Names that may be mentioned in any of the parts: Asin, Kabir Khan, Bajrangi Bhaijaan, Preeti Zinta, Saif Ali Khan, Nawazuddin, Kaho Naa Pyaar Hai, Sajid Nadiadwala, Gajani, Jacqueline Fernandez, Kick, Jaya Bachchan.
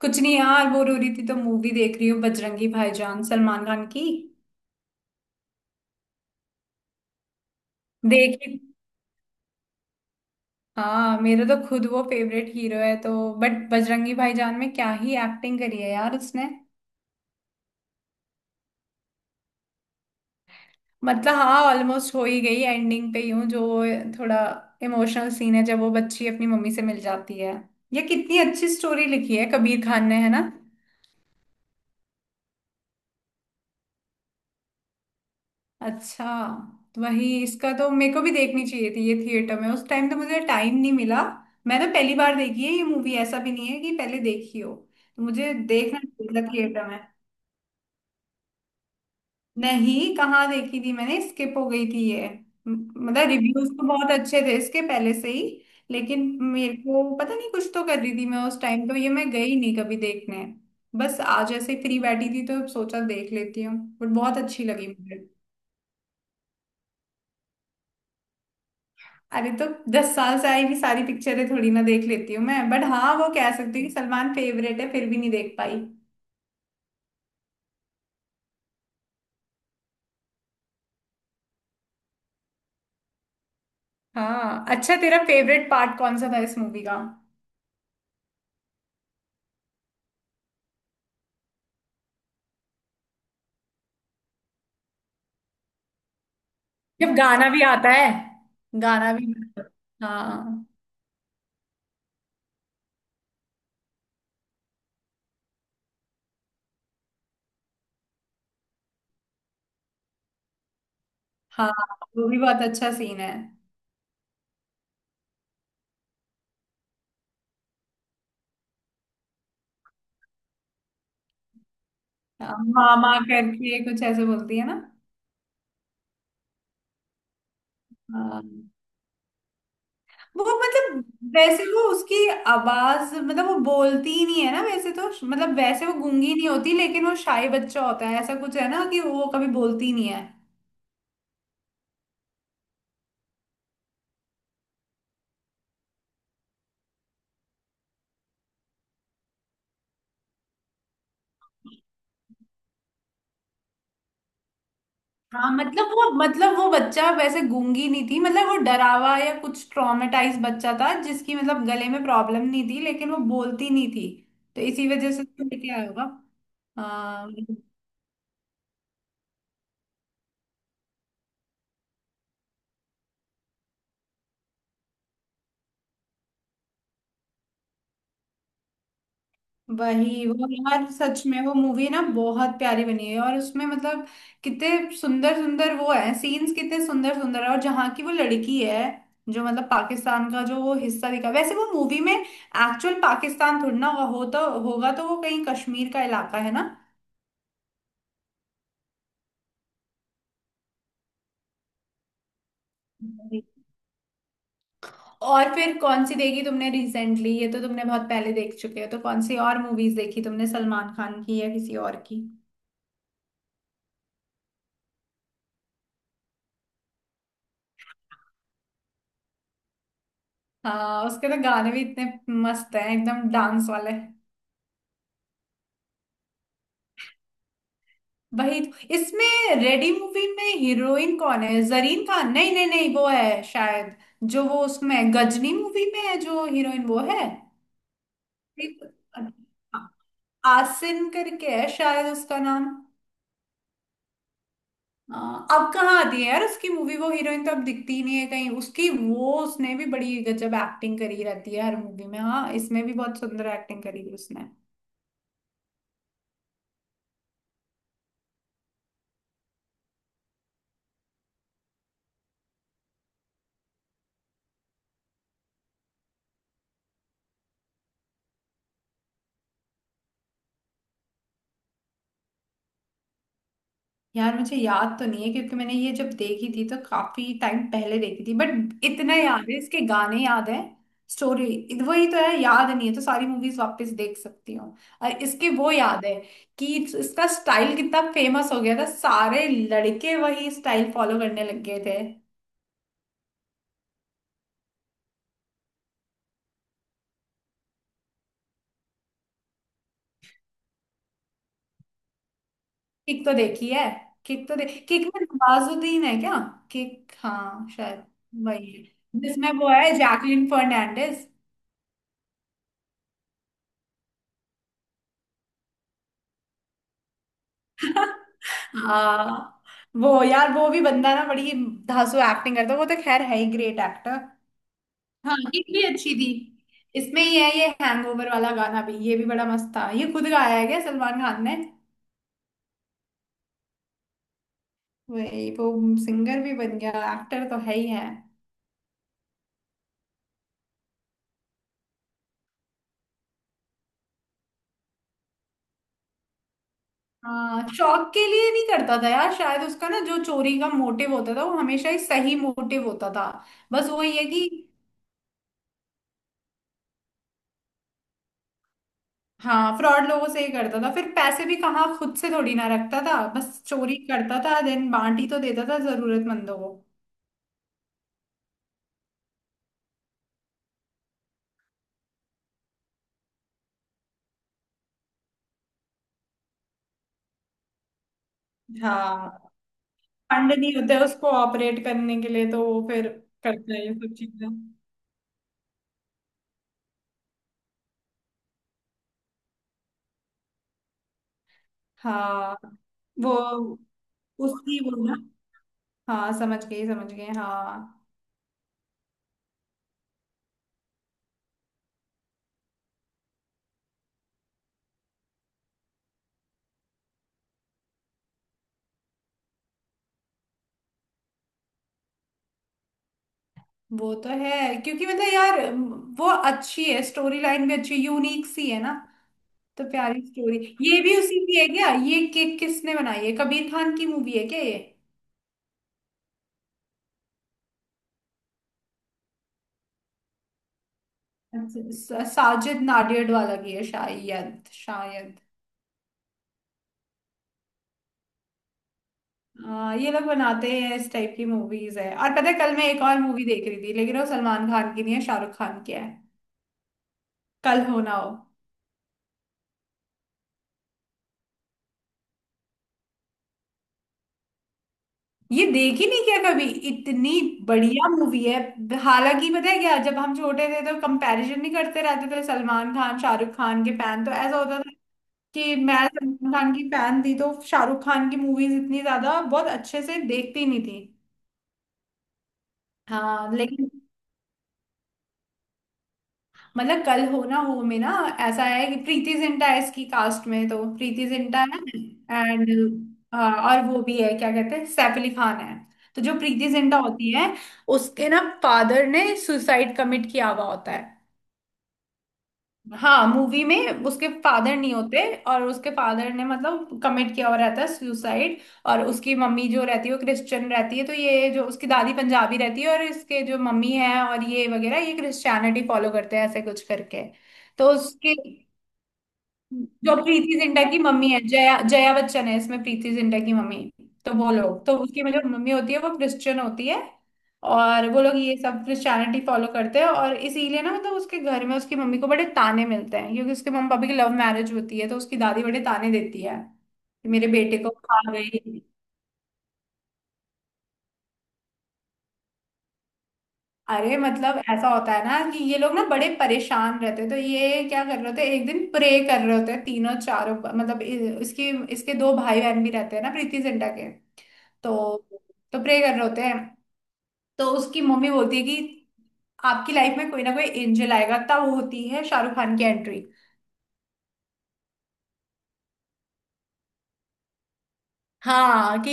कुछ नहीं यार, बोर हो रही थी तो मूवी देख रही हूँ। बजरंगी भाईजान, सलमान खान की। देखी। हाँ, मेरा तो खुद वो फेवरेट हीरो है तो। बट बजरंगी भाईजान में क्या ही एक्टिंग करी है यार उसने। मतलब हाँ, ऑलमोस्ट हो ही गई, एंडिंग पे ही हूँ। जो थोड़ा इमोशनल सीन है जब वो बच्ची अपनी मम्मी से मिल जाती है। ये कितनी अच्छी स्टोरी लिखी है कबीर खान ने, है ना। अच्छा। तो वही, इसका तो मेरे को भी देखनी चाहिए थी ये थिएटर में, उस टाइम तो मुझे टाइम नहीं मिला। मैंने पहली बार देखी है ये मूवी, ऐसा भी नहीं है कि पहले देखी हो। तो मुझे देखना चाहिए था थिएटर में। नहीं, कहाँ देखी थी मैंने, स्किप हो गई थी ये। मतलब रिव्यूज तो बहुत अच्छे थे इसके पहले से ही। लेकिन मेरे को पता नहीं, कुछ तो कर रही थी मैं उस टाइम, तो ये मैं गई नहीं कभी देखने। बस आज ऐसे फ्री बैठी थी तो सोचा देख लेती हूँ। बट बहुत अच्छी लगी मुझे। अरे तो 10 साल से आई हुई सारी पिक्चरें थोड़ी ना देख लेती हूँ मैं। बट हाँ, वो कह सकती हूँ कि सलमान फेवरेट है, फिर भी नहीं देख पाई। हाँ। अच्छा, तेरा फेवरेट पार्ट कौन सा था इस मूवी का? जब गाना भी आता है। गाना भी। हाँ। हाँ, वो भी बहुत अच्छा सीन है। हाँ, मामा करके कुछ ऐसे बोलती है ना। हाँ, वो मतलब, वैसे वो उसकी आवाज, मतलब वो बोलती ही नहीं है ना वैसे तो, मतलब वैसे वो गूंगी नहीं होती लेकिन वो शाय बच्चा होता है ऐसा कुछ है ना कि वो कभी बोलती ही नहीं है। हाँ मतलब वो, मतलब वो बच्चा वैसे गूंगी नहीं थी, मतलब वो डरावा या कुछ ट्रॉमेटाइज बच्चा था जिसकी मतलब गले में प्रॉब्लम नहीं थी लेकिन वो बोलती नहीं थी। तो इसी वजह से उसको लेके आया होगा। हाँ। वही वो यार, सच में वो मूवी ना बहुत प्यारी बनी है। और उसमें मतलब कितने सुंदर सुंदर वो है सीन्स, कितने सुंदर सुंदर है। और जहाँ की वो लड़की है, जो मतलब पाकिस्तान का जो वो हिस्सा दिखा, वैसे वो मूवी में एक्चुअल पाकिस्तान थोड़ी ना हो तो होगा, तो वो कहीं कश्मीर का इलाका है ना। जी। और फिर कौन सी देखी तुमने रिसेंटली? ये तो तुमने बहुत पहले देख चुके हो, तो कौन सी और मूवीज देखी तुमने सलमान खान की या किसी और की? हाँ, उसके तो गाने भी इतने मस्त हैं एकदम, डांस वाले। वही इसमें रेडी मूवी में हीरोइन कौन है, जरीन खान? नहीं नहीं नहीं, वो है शायद जो वो उसमें गजनी मूवी में है जो हीरोइन, वो है। एक- आसिन करके है शायद उसका नाम। आ, अब कहाँ आती है यार उसकी मूवी, वो हीरोइन तो अब दिखती ही नहीं है कहीं। उसकी वो, उसने भी बड़ी गजब एक्टिंग करी रहती है हर मूवी में। हाँ, इसमें भी बहुत सुंदर एक्टिंग करी थी उसने। यार मुझे याद तो नहीं है क्योंकि मैंने ये जब देखी थी तो काफी टाइम पहले देखी थी, बट इतना याद है इसके गाने याद है। स्टोरी वही तो है, याद नहीं है, तो सारी मूवीज वापस देख सकती हूँ। और इसके वो याद है कि इसका स्टाइल कितना फेमस हो गया था, सारे लड़के वही स्टाइल फॉलो करने लग गए थे। किक तो देखी है। किक तो देख, किक में नवाजुद्दीन है क्या? किक, हाँ शायद। वही है जिसमें वो है जैकलिन फर्नांडिस। हाँ, वो यार वो भी बंदा ना बड़ी धांसू एक्टिंग करता है, वो तो खैर है ही ग्रेट एक्टर। हाँ, ये भी अच्छी थी। इसमें ये है, ये हैंगओवर वाला गाना भी, ये भी बड़ा मस्त था। ये खुद गाया है क्या सलमान खान ने? वही वो, सिंगर भी बन गया, एक्टर तो है ही है। हाँ, शौक के लिए नहीं करता था यार, शायद उसका ना जो चोरी का मोटिव होता था वो हमेशा ही सही मोटिव होता था। बस वो ये है कि, हाँ फ्रॉड लोगों से ही करता था, फिर पैसे भी कहाँ खुद से थोड़ी ना रखता था, बस चोरी करता था देन बांट ही तो देता था जरूरतमंदों को। हाँ, फंड नहीं होते उसको ऑपरेट करने के लिए तो वो फिर करता है ये सब चीजें। हाँ, वो उसकी वो ना, हाँ समझ गई समझ गई। हाँ वो तो है, क्योंकि मतलब यार वो अच्छी है, स्टोरी लाइन भी अच्छी यूनिक सी है ना, तो प्यारी स्टोरी। ये भी उसी की है क्या ये, कि किसने बनाई है? कबीर खान की मूवी है क्या ये? अच्छा, साजिद नाडियाड वाला की है शायद शायद। ये लोग बनाते हैं इस टाइप की मूवीज है। और पता है कल मैं एक और मूवी देख रही थी, लेकिन वो सलमान खान की नहीं है, शाहरुख खान की है। कल हो ना हो। ये देख ही नहीं क्या कभी? इतनी बढ़िया मूवी है। हालांकि पता है क्या, जब हम छोटे थे तो कंपैरिजन नहीं करते रहते थे सलमान खान शाहरुख खान के फैन? तो ऐसा होता था कि मैं सलमान खान की फैन थी तो शाहरुख खान की मूवीज इतनी ज्यादा बहुत अच्छे से देखती नहीं थी। हाँ लेकिन मतलब कल हो ना हो में ना, ऐसा है कि प्रीति जिंटा है इसकी कास्ट में, तो प्रीति जिंटा है एंड। और वो भी है क्या कहते हैं, सैफ अली खान है। तो जो प्रीति जिंटा होती है, उसके ना फादर ने सुसाइड कमिट किया हुआ होता है। हाँ मूवी में उसके फादर नहीं होते, और उसके फादर ने मतलब कमिट किया हुआ रहता है सुसाइड। और उसकी मम्मी जो रहती है वो क्रिश्चियन रहती है, तो ये जो उसकी दादी पंजाबी रहती है, और इसके जो मम्मी है और ये वगैरह, ये क्रिश्चियनिटी फॉलो करते हैं ऐसे कुछ करके। तो उसके, जो प्रीति जिंटा की मम्मी है, जया जया बच्चन है इसमें प्रीति जिंटा की मम्मी। तो वो लोग तो उसकी मतलब मम्मी होती है वो क्रिश्चियन होती है, और वो लोग ये सब क्रिश्चियनिटी फॉलो करते हैं, और इसीलिए ना मतलब उसके घर में उसकी मम्मी को बड़े ताने मिलते हैं, क्योंकि उसके मम्मी पापा की लव मैरिज होती है, तो उसकी दादी बड़े ताने देती है कि मेरे बेटे को खा गई। अरे मतलब ऐसा होता है ना कि ये लोग ना बड़े परेशान रहते हैं, तो ये क्या कर रहे होते हैं, एक दिन प्रे कर रहे होते हैं तीनों चारों, मतलब इसकी, इसके दो भाई बहन भी रहते हैं ना प्रीति जिंटा के। तो तो प्रे कर रहे होते हैं, तो उसकी मम्मी बोलती है कि आपकी लाइफ में कोई ना कोई एंजल आएगा, तब होती है शाहरुख खान की एंट्री। हाँ कि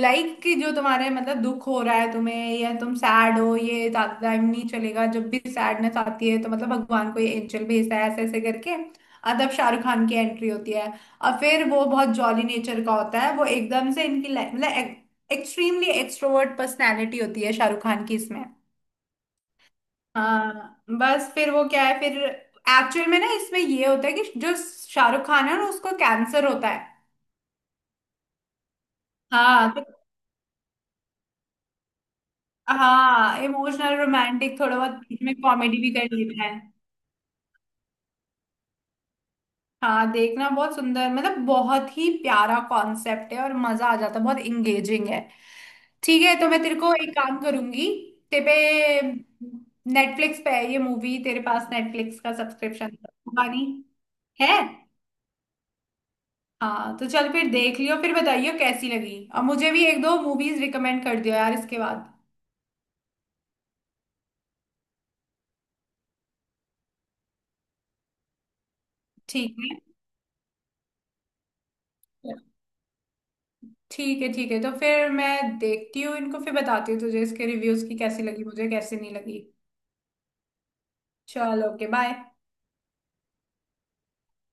लाइक कि जो तुम्हारे मतलब दुख हो रहा है तुम्हें, या तुम सैड हो, ये ज्यादा टाइम नहीं चलेगा, जब भी सैडनेस आती है तो मतलब भगवान को ये एंजल भेजता है ऐसे ऐसे करके, और तब शाहरुख खान की एंट्री होती है। और फिर वो बहुत जॉली नेचर का होता है, वो एकदम से इनकी लाइफ मतलब एक्सट्रीमली एक्सट्रोवर्ट पर्सनैलिटी होती है शाहरुख खान की इसमें। हाँ बस फिर वो क्या है, फिर एक्चुअल में ना इसमें ये होता है कि जो शाहरुख खान है ना उसको कैंसर होता है। हाँ तो, हाँ इमोशनल रोमांटिक थोड़ा बहुत बीच में कॉमेडी भी कर लेता है। हाँ देखना, बहुत सुंदर मतलब बहुत ही प्यारा कॉन्सेप्ट है और मजा आ जाता है, बहुत इंगेजिंग है। ठीक है, तो मैं तेरे को एक काम करूंगी, तेरे पे नेटफ्लिक्स पे है ये मूवी। तेरे पास नेटफ्लिक्स का सब्सक्रिप्शन? पानी है। हाँ तो चल फिर देख लियो, फिर बताइयो कैसी लगी, और मुझे भी एक दो मूवीज रिकमेंड कर दियो यार इसके बाद। ठीक है। ठीक है। ठीक है तो फिर मैं देखती हूँ इनको, फिर बताती हूँ तुझे इसके रिव्यूज, की कैसी लगी मुझे, कैसी नहीं लगी। चलो ओके बाय।